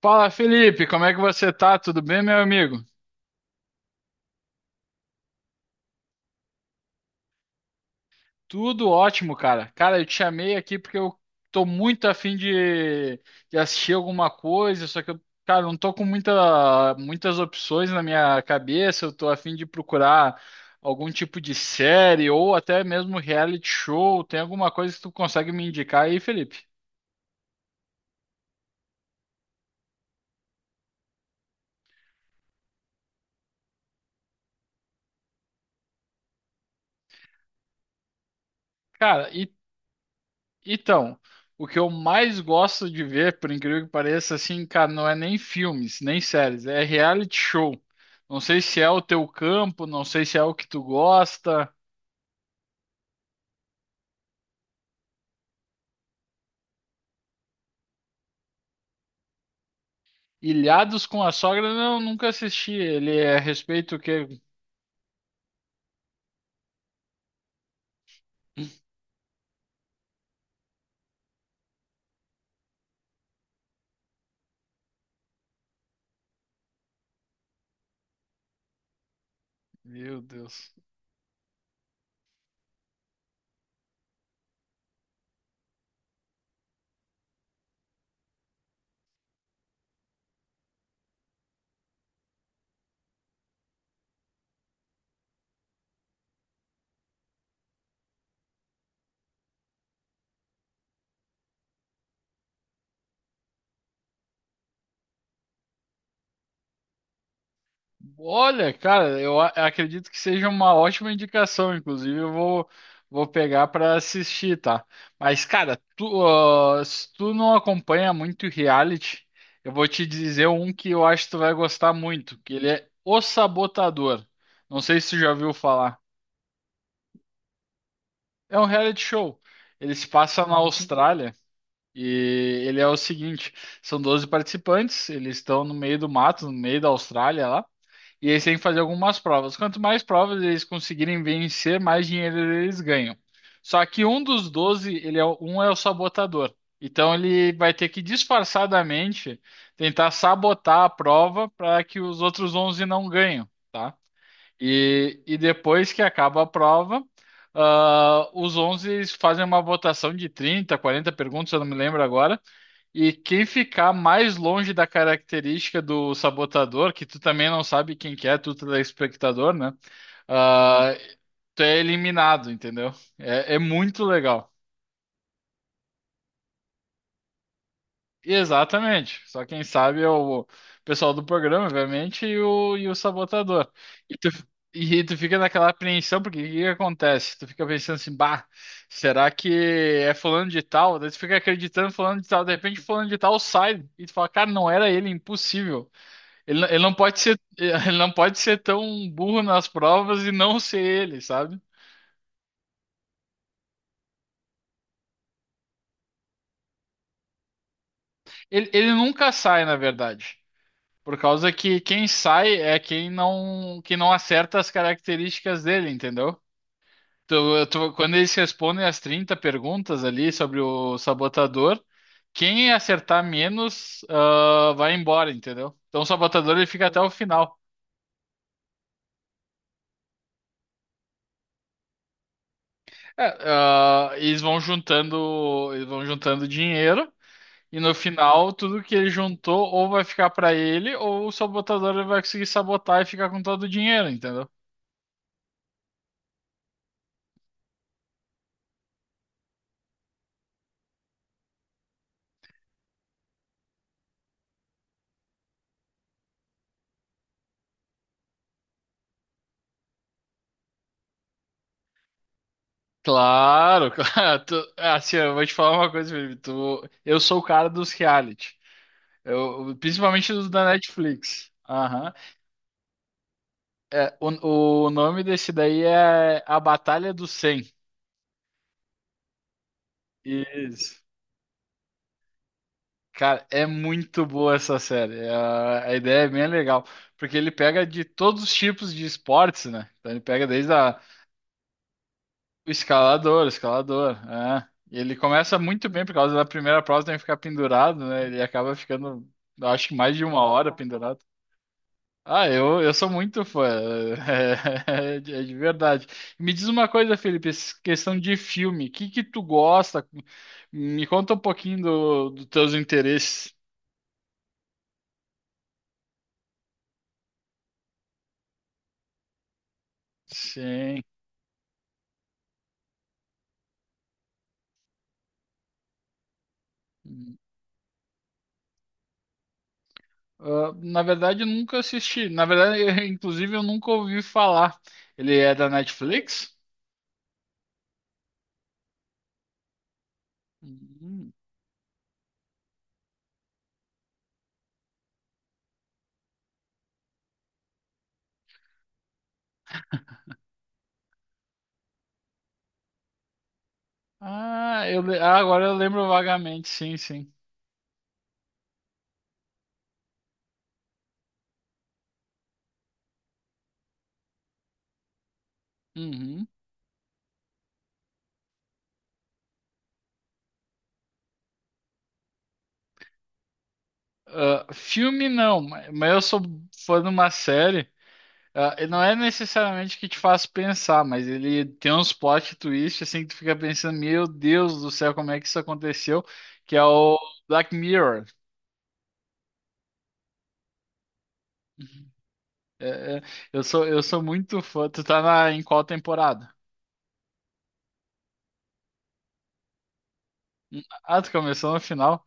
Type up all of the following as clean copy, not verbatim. Fala, Felipe, como é que você tá? Tudo bem, meu amigo? Tudo ótimo, cara. Cara, eu te chamei aqui porque eu tô muito afim de assistir alguma coisa, só que eu, cara, não tô com muitas opções na minha cabeça. Eu tô afim de procurar algum tipo de série ou até mesmo reality show. Tem alguma coisa que tu consegue me indicar aí, Felipe? Cara, e Então, o que eu mais gosto de ver, por incrível que pareça, assim, cara, não é nem filmes, nem séries, é reality show. Não sei se é o teu campo, não sei se é o que tu gosta. Ilhados com a Sogra, não, nunca assisti. Ele é a respeito o quê? Meu Deus. Olha, cara, acredito que seja uma ótima indicação, inclusive vou pegar para assistir, tá? Mas, cara, tu, se tu não acompanha muito reality, eu vou te dizer um que eu acho que tu vai gostar muito, que ele é O Sabotador. Não sei se tu já ouviu falar. É um reality show. Ele se passa na Austrália e ele é o seguinte, são 12 participantes, eles estão no meio do mato, no meio da Austrália lá. E eles têm que fazer algumas provas. Quanto mais provas eles conseguirem vencer, mais dinheiro eles ganham. Só que um dos 12 um é o sabotador. Então ele vai ter que disfarçadamente tentar sabotar a prova para que os outros 11 não ganhem, tá? E depois que acaba a prova, os 11 fazem uma votação de 30, 40 perguntas, eu não me lembro agora, e quem ficar mais longe da característica do sabotador, que tu também não sabe quem que é, tu telespectador, né? Ah, tu é eliminado, entendeu? É muito legal. Exatamente. Só quem sabe é o pessoal do programa, obviamente, e o sabotador. E tu, e tu fica naquela apreensão, porque o que que acontece? Tu fica pensando assim, bah, será que é fulano de tal? Daí tu fica acreditando em fulano de tal, de repente fulano de tal sai. E tu fala, cara, não era ele, impossível. Ele não pode ser, ele não pode ser tão burro nas provas e não ser ele, sabe? Ele nunca sai, na verdade. Por causa que quem sai é quem que não acerta as características dele, entendeu? Quando eles respondem as 30 perguntas ali sobre o sabotador, quem acertar menos, vai embora, entendeu? Então o sabotador ele fica até o final. Eles vão juntando dinheiro. E no final, tudo que ele juntou ou vai ficar pra ele, ou o sabotador ele vai conseguir sabotar e ficar com todo o dinheiro, entendeu? Claro, claro. Tu... Assim, eu vou te falar uma coisa, Felipe. Tu... Eu sou o cara dos reality. Eu... Principalmente dos da Netflix. Aham. É, o nome desse daí é A Batalha do 100. Isso. Cara, é muito boa essa série. A ideia é bem legal. Porque ele pega de todos os tipos de esportes, né? Então ele pega desde a... o escalador, é. E ele começa muito bem por causa da primeira prova, tem que ficar pendurado, né? Ele acaba ficando, acho que mais de uma hora pendurado. Eu sou muito fã, de é de verdade. Me diz uma coisa, Felipe, essa questão de filme, o que que tu gosta? Me conta um pouquinho dos teus interesses. Sim. Ah, na verdade, eu nunca assisti. Na verdade, inclusive, eu nunca ouvi falar. Ele é da Netflix? Hum. Ah, agora eu lembro vagamente, sim, sim. Uhum. Ah, filme não, mas eu sou fã de uma série. Ah, e não é necessariamente que te faz pensar, mas ele tem uns plot twist assim que tu fica pensando, meu Deus do céu, como é que isso aconteceu? Que é o Black Mirror. É, é, eu sou muito fã. Tu tá na, em qual temporada? Ah, tu começou no final.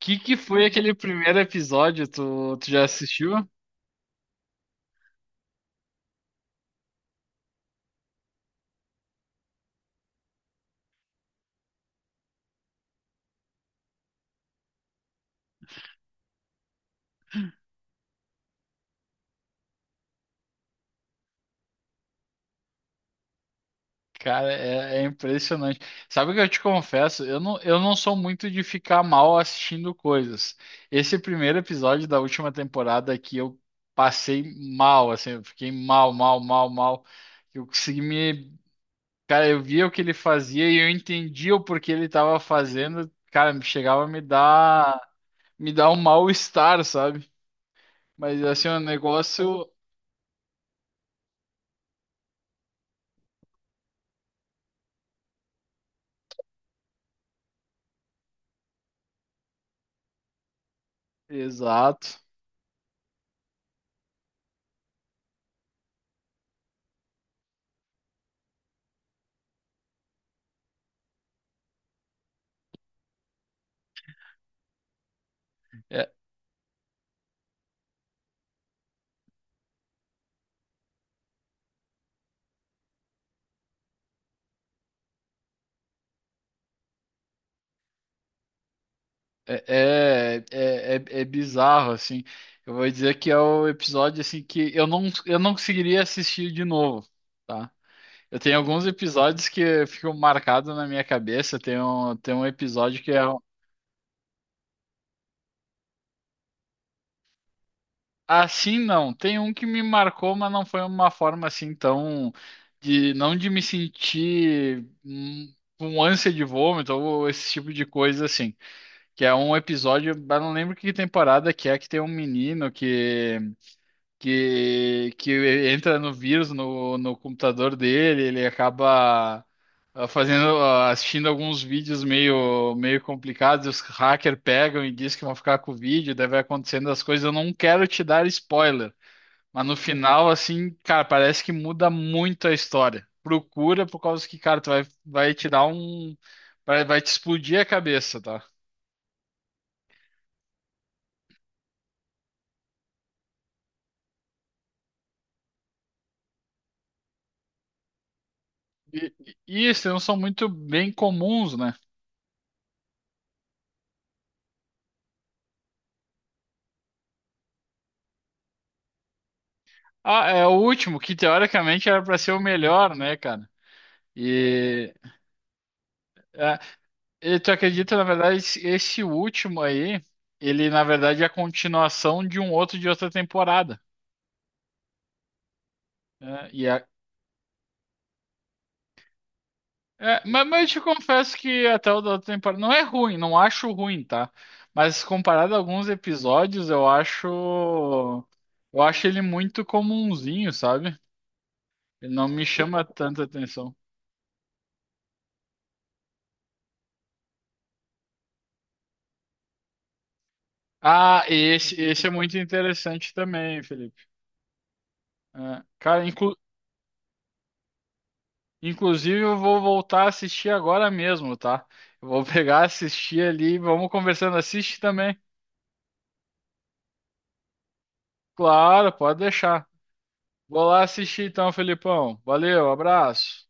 Que foi aquele primeiro episódio? Tu já assistiu? Cara, impressionante. Sabe o que eu te confesso? Eu não sou muito de ficar mal assistindo coisas. Esse primeiro episódio da última temporada aqui eu passei mal, assim, eu fiquei mal, mal, mal, mal. Eu consegui me. Cara, eu via o que ele fazia e eu entendia o porquê ele estava fazendo. Cara, chegava a me dar um mal-estar, sabe? Mas assim, é um negócio. Exato. É, é bizarro, assim. Eu vou dizer que é o episódio assim que eu não conseguiria assistir de novo, tá? Eu tenho alguns episódios que ficam marcados na minha cabeça. Tem um episódio que é um, assim, não. Tem um que me marcou, mas não foi uma forma assim tão de não de me sentir com ânsia de vômito ou esse tipo de coisa assim. Que é um episódio, eu não lembro que temporada que é que tem um menino que entra no vírus no computador dele, ele acaba assistindo alguns vídeos meio complicados, os hackers pegam e dizem que vão ficar com o vídeo, daí vai acontecendo as coisas. Eu não quero te dar spoiler, mas no final, assim, cara, parece que muda muito a história. Procura por causa que, cara, vai te dar um. Vai te explodir a cabeça, tá? E isso não são muito bem comuns, né? Ah, é o último, que teoricamente era para ser o melhor, né, cara? E, é, e tu acredita, na verdade, esse último aí, ele na verdade é a continuação de um outro de outra temporada. Né? É, mas eu te confesso que até o da outra temporada não é ruim, não acho ruim, tá? Mas comparado a alguns episódios, eu acho ele muito comumzinho, sabe? Ele não me chama tanta atenção. Ah, esse é muito interessante também, Felipe. É, Cara, inclu- inclusive eu vou voltar a assistir agora mesmo, tá? Eu vou pegar, assistir ali, vamos conversando. Assiste também. Claro, pode deixar. Vou lá assistir então, Felipão. Valeu, abraço.